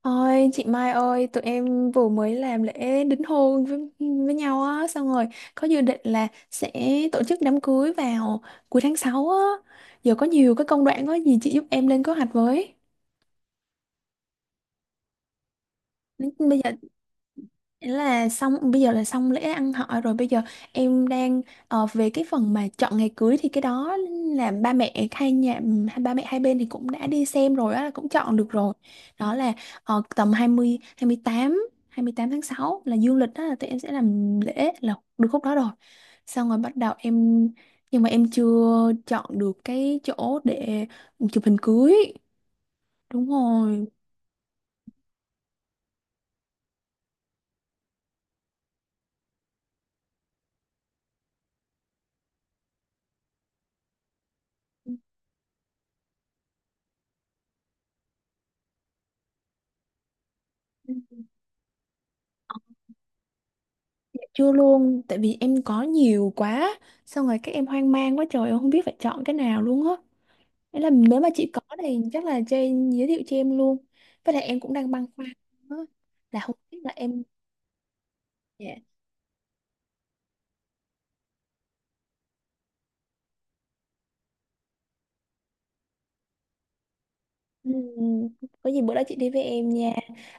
Ôi chị Mai ơi, tụi em vừa mới làm lễ đính hôn với nhau á, xong rồi có dự định là sẽ tổ chức đám cưới vào cuối tháng 6 á. Giờ có nhiều cái công đoạn có gì chị giúp em lên kế hoạch với. Bây giờ ý là xong, bây giờ là xong lễ ăn hỏi rồi, bây giờ em đang về cái phần mà chọn ngày cưới thì cái đó là ba mẹ hai nhà, ba mẹ hai bên thì cũng đã đi xem rồi á, cũng chọn được rồi. Đó là tầm hai mươi tám, 28 tháng 6 là dương lịch, đó là tụi em sẽ làm lễ là được khúc đó rồi. Xong rồi bắt đầu em, nhưng mà em chưa chọn được cái chỗ để chụp hình cưới. Đúng rồi. Dạ chưa luôn, tại vì em có nhiều quá, xong rồi các em hoang mang quá trời, em không biết phải chọn cái nào luôn á. Thế là nếu mà chị có thì chắc là Jane giới thiệu cho em luôn. Với lại em cũng đang băn khoăn á, là không biết là em, dạ, ừ, có gì bữa đó chị đi với em nha.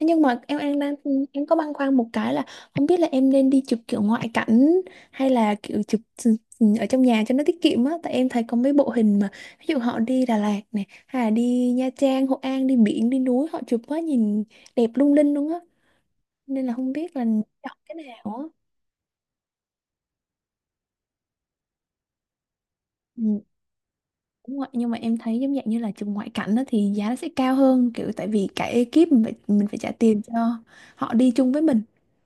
Nhưng mà em đang, em có băn khoăn một cái là không biết là em nên đi chụp kiểu ngoại cảnh hay là kiểu chụp ở trong nhà cho nó tiết kiệm á, tại em thấy có mấy bộ hình mà ví dụ họ đi Đà Lạt này hay là đi Nha Trang, Hội An, đi biển đi núi họ chụp á, nhìn đẹp lung linh luôn á. Nên là không biết là chọn cái nào á. Ừ. Đúng rồi, nhưng mà em thấy giống dạng như là trường ngoại cảnh đó thì giá nó sẽ cao hơn, kiểu tại vì cả ekip mình phải trả tiền cho họ đi chung với mình.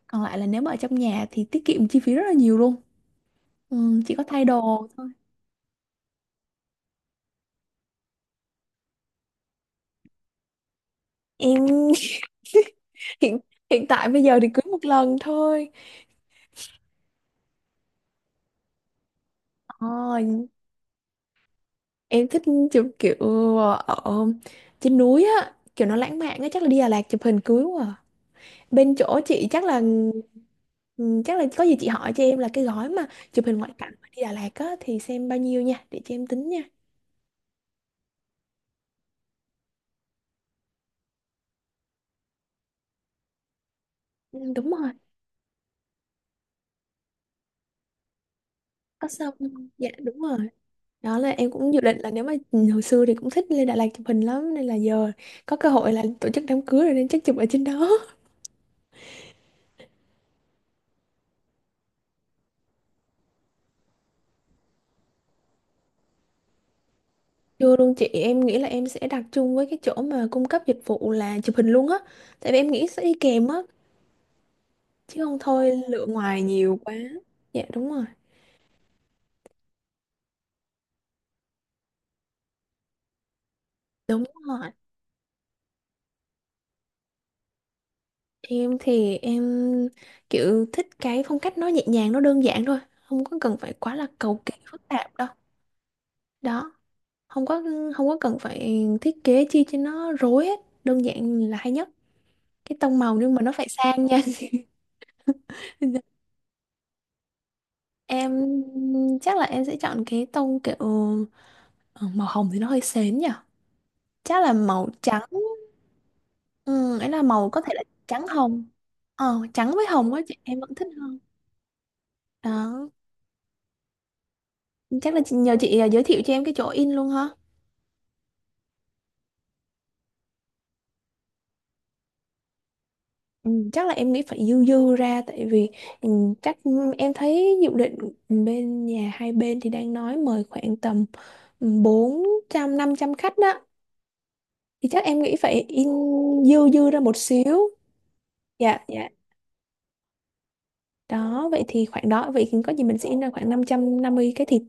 Còn lại là nếu mà ở trong nhà thì tiết kiệm chi phí rất là nhiều luôn, ừ, chỉ có thay đồ thôi. Em hiện hiện tại bây giờ thì cưới một lần thôi. Ờ, em thích chụp kiểu ở trên núi á, kiểu nó lãng mạn á, chắc là đi Đà Lạt chụp hình cưới quá. Bên chỗ chị chắc là ừ, chắc là có gì chị hỏi cho em là cái gói mà chụp hình ngoại cảnh mà đi Đà Lạt á thì xem bao nhiêu nha để cho em tính nha. Ừ, đúng rồi. Có xong. Dạ đúng rồi. Đó là em cũng dự định là nếu mà hồi xưa thì cũng thích lên Đà Lạt chụp hình lắm nên là giờ có cơ hội là tổ chức đám cưới rồi nên chắc chụp ở trên đó. Chưa luôn chị, em nghĩ là em sẽ đặt chung với cái chỗ mà cung cấp dịch vụ là chụp hình luôn á, tại vì em nghĩ sẽ đi kèm á, chứ không thôi lựa ngoài nhiều quá. Dạ đúng rồi. Đúng rồi. Em thì em kiểu thích cái phong cách nó nhẹ nhàng, nó đơn giản thôi, không có cần phải quá là cầu kỳ phức tạp đâu. Đó, không có không có cần phải thiết kế chi cho nó rối hết, đơn giản là hay nhất. Cái tông màu nhưng mà nó phải sang nha. Em chắc là em sẽ chọn cái tông kiểu ờ, màu hồng thì nó hơi sến nhỉ. Chắc là màu trắng. Ừ, ấy là màu có thể là trắng hồng. Ờ, trắng với hồng á chị, em vẫn thích hơn. Đó, nhờ chị giới thiệu cho em cái chỗ in luôn ha. Ừ, chắc là em nghĩ phải dư dư ra tại vì ừ, chắc em thấy dự định bên nhà hai bên thì đang nói mời khoảng tầm 400 500 khách đó, thì chắc em nghĩ phải in dư dư ra một xíu. Dạ dạ. Đó vậy thì khoảng đó, vậy có gì mình sẽ in ra khoảng năm 550 cái thịt,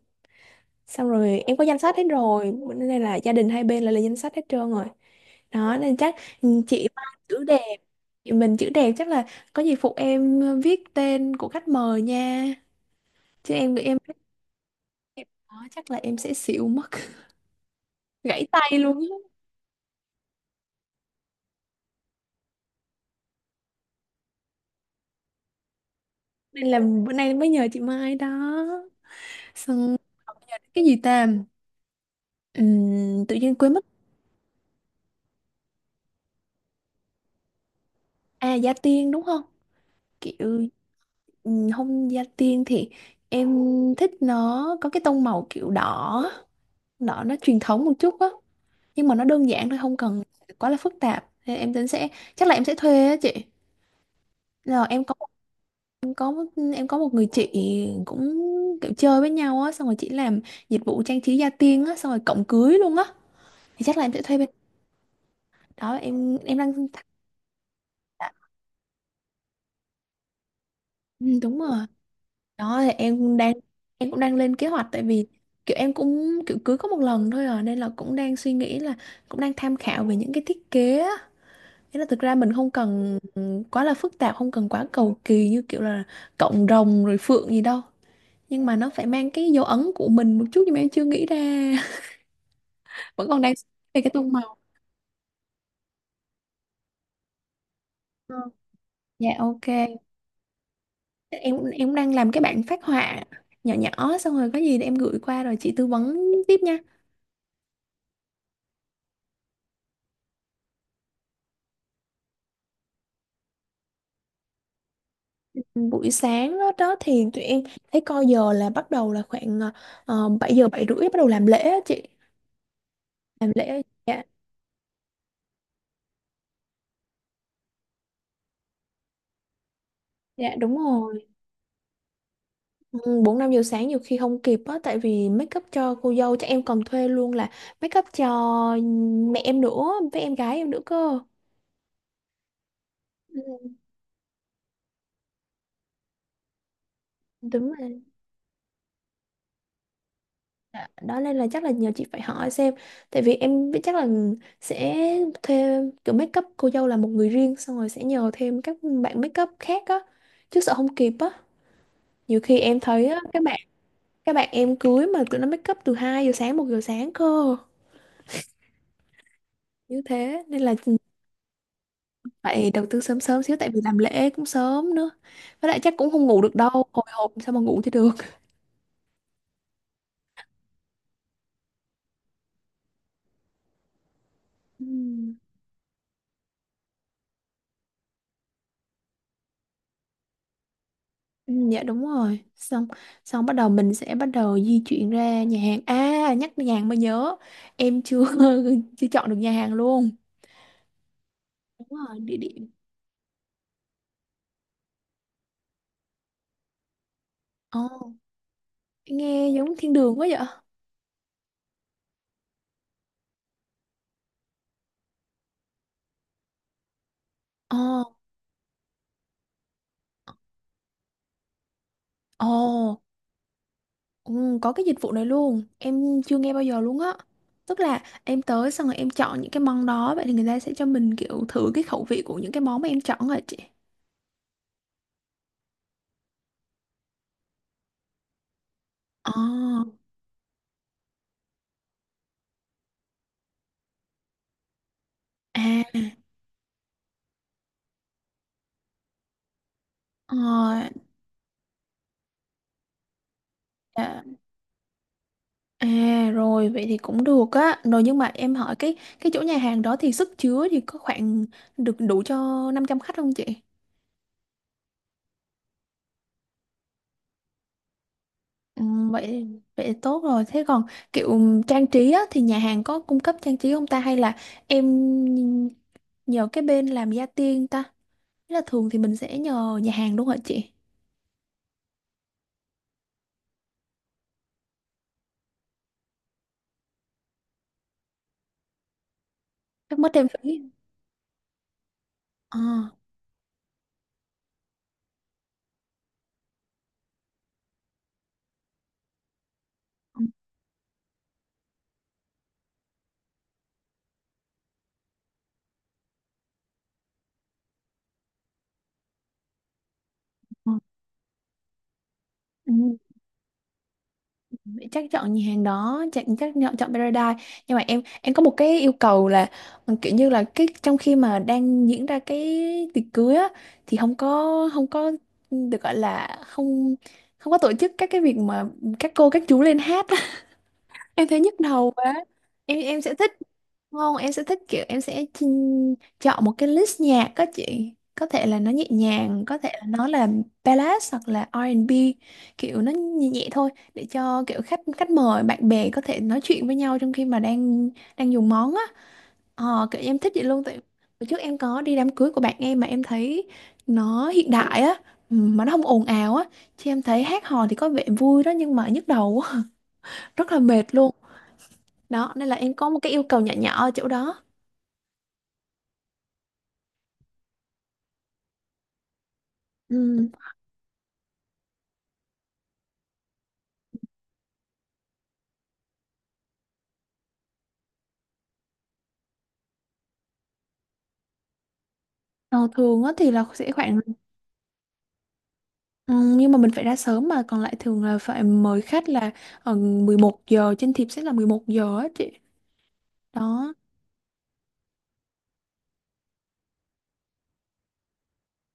xong rồi em có danh sách hết rồi, bữa nay là gia đình hai bên là lên danh sách hết trơn rồi. Đó nên chắc ừ, chị Mai chữ đẹp, chị mình chữ đẹp chắc là có gì phụ em viết tên của khách mời nha, chứ em thấy em đó chắc là em sẽ xỉu mất, gãy tay luôn á. Nên là bữa nay mới nhờ chị Mai đó. Xong còn bây, cái gì ta. Tự nhiên quên mất. À, gia tiên đúng không, kiểu không gia tiên thì em thích nó có cái tông màu kiểu đỏ, đỏ nó truyền thống một chút á, nhưng mà nó đơn giản thôi không cần quá là phức tạp. Thế em tính sẽ chắc là em sẽ thuê á chị, là em có. Em có một, em có một người chị cũng kiểu chơi với nhau á, xong rồi chị làm dịch vụ trang trí gia tiên á xong rồi cộng cưới luôn á, thì chắc là em sẽ thuê bên đó. Em đang ừ, đúng rồi. Đó thì em đang em cũng đang lên kế hoạch, tại vì kiểu em cũng kiểu cưới có một lần thôi à, nên là cũng đang suy nghĩ là cũng đang tham khảo về những cái thiết kế á. Thế là thực ra mình không cần quá là phức tạp, không cần quá cầu kỳ như kiểu là cộng rồng rồi phượng gì đâu, nhưng mà nó phải mang cái dấu ấn của mình một chút nhưng mà em chưa nghĩ ra, vẫn còn đang về cái tô màu. Ờ, dạ ok. Em cũng đang làm cái bản phác họa nhỏ nhỏ, xong rồi có gì để em gửi qua rồi chị tư vấn tiếp nha. Buổi sáng đó, đó thì tụi em thấy coi giờ là bắt đầu là khoảng 7 giờ 7 rưỡi bắt đầu làm lễ á chị, làm lễ. Dạ dạ đúng rồi. Ừ, 4 5 giờ sáng nhiều khi không kịp á, tại vì make up cho cô dâu chắc em còn thuê luôn là make up cho mẹ em nữa, với em gái em nữa cơ. Ừ, đúng rồi. Dạ, đó nên là chắc là nhờ chị phải hỏi xem, tại vì em biết chắc là sẽ thêm kiểu make up cô dâu là một người riêng, xong rồi sẽ nhờ thêm các bạn make up khác á, chứ sợ không kịp á. Nhiều khi em thấy á, các bạn em cưới mà tụi nó make up từ 2 giờ sáng, 1 giờ sáng cơ. Như thế nên là phải đầu tư sớm sớm xíu tại vì làm lễ cũng sớm nữa, với lại chắc cũng không ngủ được đâu, hồi hộp sao mà ngủ cho được. Ừ. Ừ, dạ đúng rồi. Xong, xong bắt đầu mình sẽ bắt đầu di chuyển ra nhà hàng, à nhắc nhà hàng mới nhớ, em chưa chưa chọn được nhà hàng luôn. Đúng rồi, địa điểm. Ồ, nghe giống thiên đường quá vậy. Ồ. Ồ. Ừ, có cái dịch vụ này luôn em chưa nghe bao giờ luôn á, tức là em tới xong rồi em chọn những cái món đó, vậy thì người ta sẽ cho mình kiểu thử cái khẩu vị của những cái món mà em chọn rồi chị. Ồ. À. Ờ, dạ. À rồi vậy thì cũng được á. Rồi nhưng mà em hỏi cái chỗ nhà hàng đó thì sức chứa thì có khoảng được đủ cho 500 khách không chị? Ừ, vậy vậy tốt rồi. Thế còn kiểu trang trí á thì nhà hàng có cung cấp trang trí không ta hay là em nhờ cái bên làm gia tiên ta? Thế là thường thì mình sẽ nhờ nhà hàng đúng không hả chị? Chắc mất thêm phí. À. Ừ, ừ. Ừ. Chắc chọn nhà hàng đó, chắc chắc chọn chọn Paradise, nhưng mà em có một cái yêu cầu là ừ, kiểu như là cái trong khi mà đang diễn ra cái tiệc cưới á thì không có không có được gọi là không không có tổ chức các cái việc mà các cô các chú lên hát, em thấy nhức đầu quá. Em sẽ thích, không em sẽ thích kiểu em sẽ chọn một cái list nhạc các chị, có thể là nó nhẹ nhàng, có thể là nó là ballad hoặc là R&B, kiểu nó nhẹ nhẹ thôi để cho kiểu khách khách mời bạn bè có thể nói chuyện với nhau trong khi mà đang đang dùng món á. Ờ kiểu em thích vậy luôn tại hồi trước em có đi đám cưới của bạn em mà em thấy nó hiện đại á, ừ, mà nó không ồn ào á, chứ em thấy hát hò thì có vẻ vui đó nhưng mà nhức đầu á, rất là mệt luôn. Đó nên là em có một cái yêu cầu nhỏ nhỏ ở chỗ đó. Ừ. Ờ, thường á thì là sẽ khoảng ừ, nhưng mà mình phải ra sớm mà còn lại thường là phải mời khách là ở 11 giờ, trên thiệp sẽ là 11 giờ á chị. Đó.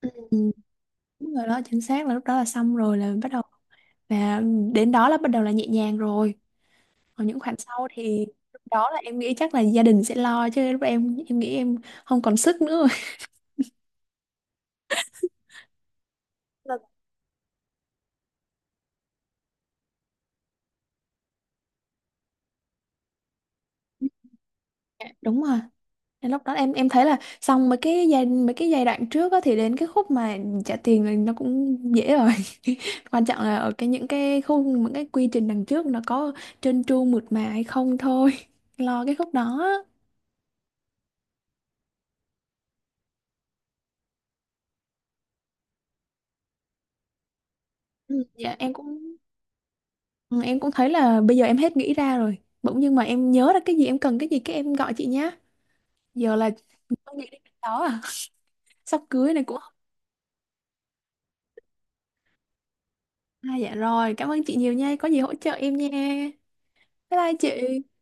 Ừ. Đúng rồi đó, chính xác là lúc đó là xong rồi là bắt đầu, là đến đó là bắt đầu là nhẹ nhàng rồi, còn những khoản sau thì lúc đó là em nghĩ chắc là gia đình sẽ lo, chứ lúc em nghĩ em không còn sức nữa. Rồi. Đúng rồi. Nên lúc đó em thấy là xong mấy cái giai đoạn trước á, thì đến cái khúc mà trả tiền là nó cũng dễ rồi, quan trọng là ở cái những cái khung những cái quy trình đằng trước nó có trơn tru mượt mà hay không thôi. Lo cái khúc đó. Ừ. Dạ em cũng ừ, em cũng thấy là bây giờ em hết nghĩ ra rồi, bỗng nhưng mà em nhớ ra cái gì em cần cái gì cái em gọi chị nhá. Giờ là có nghĩ đến cái đó à. Sắp cưới này cũng à, dạ rồi cảm ơn chị nhiều nha, có gì hỗ trợ em nha. Bye bye chị.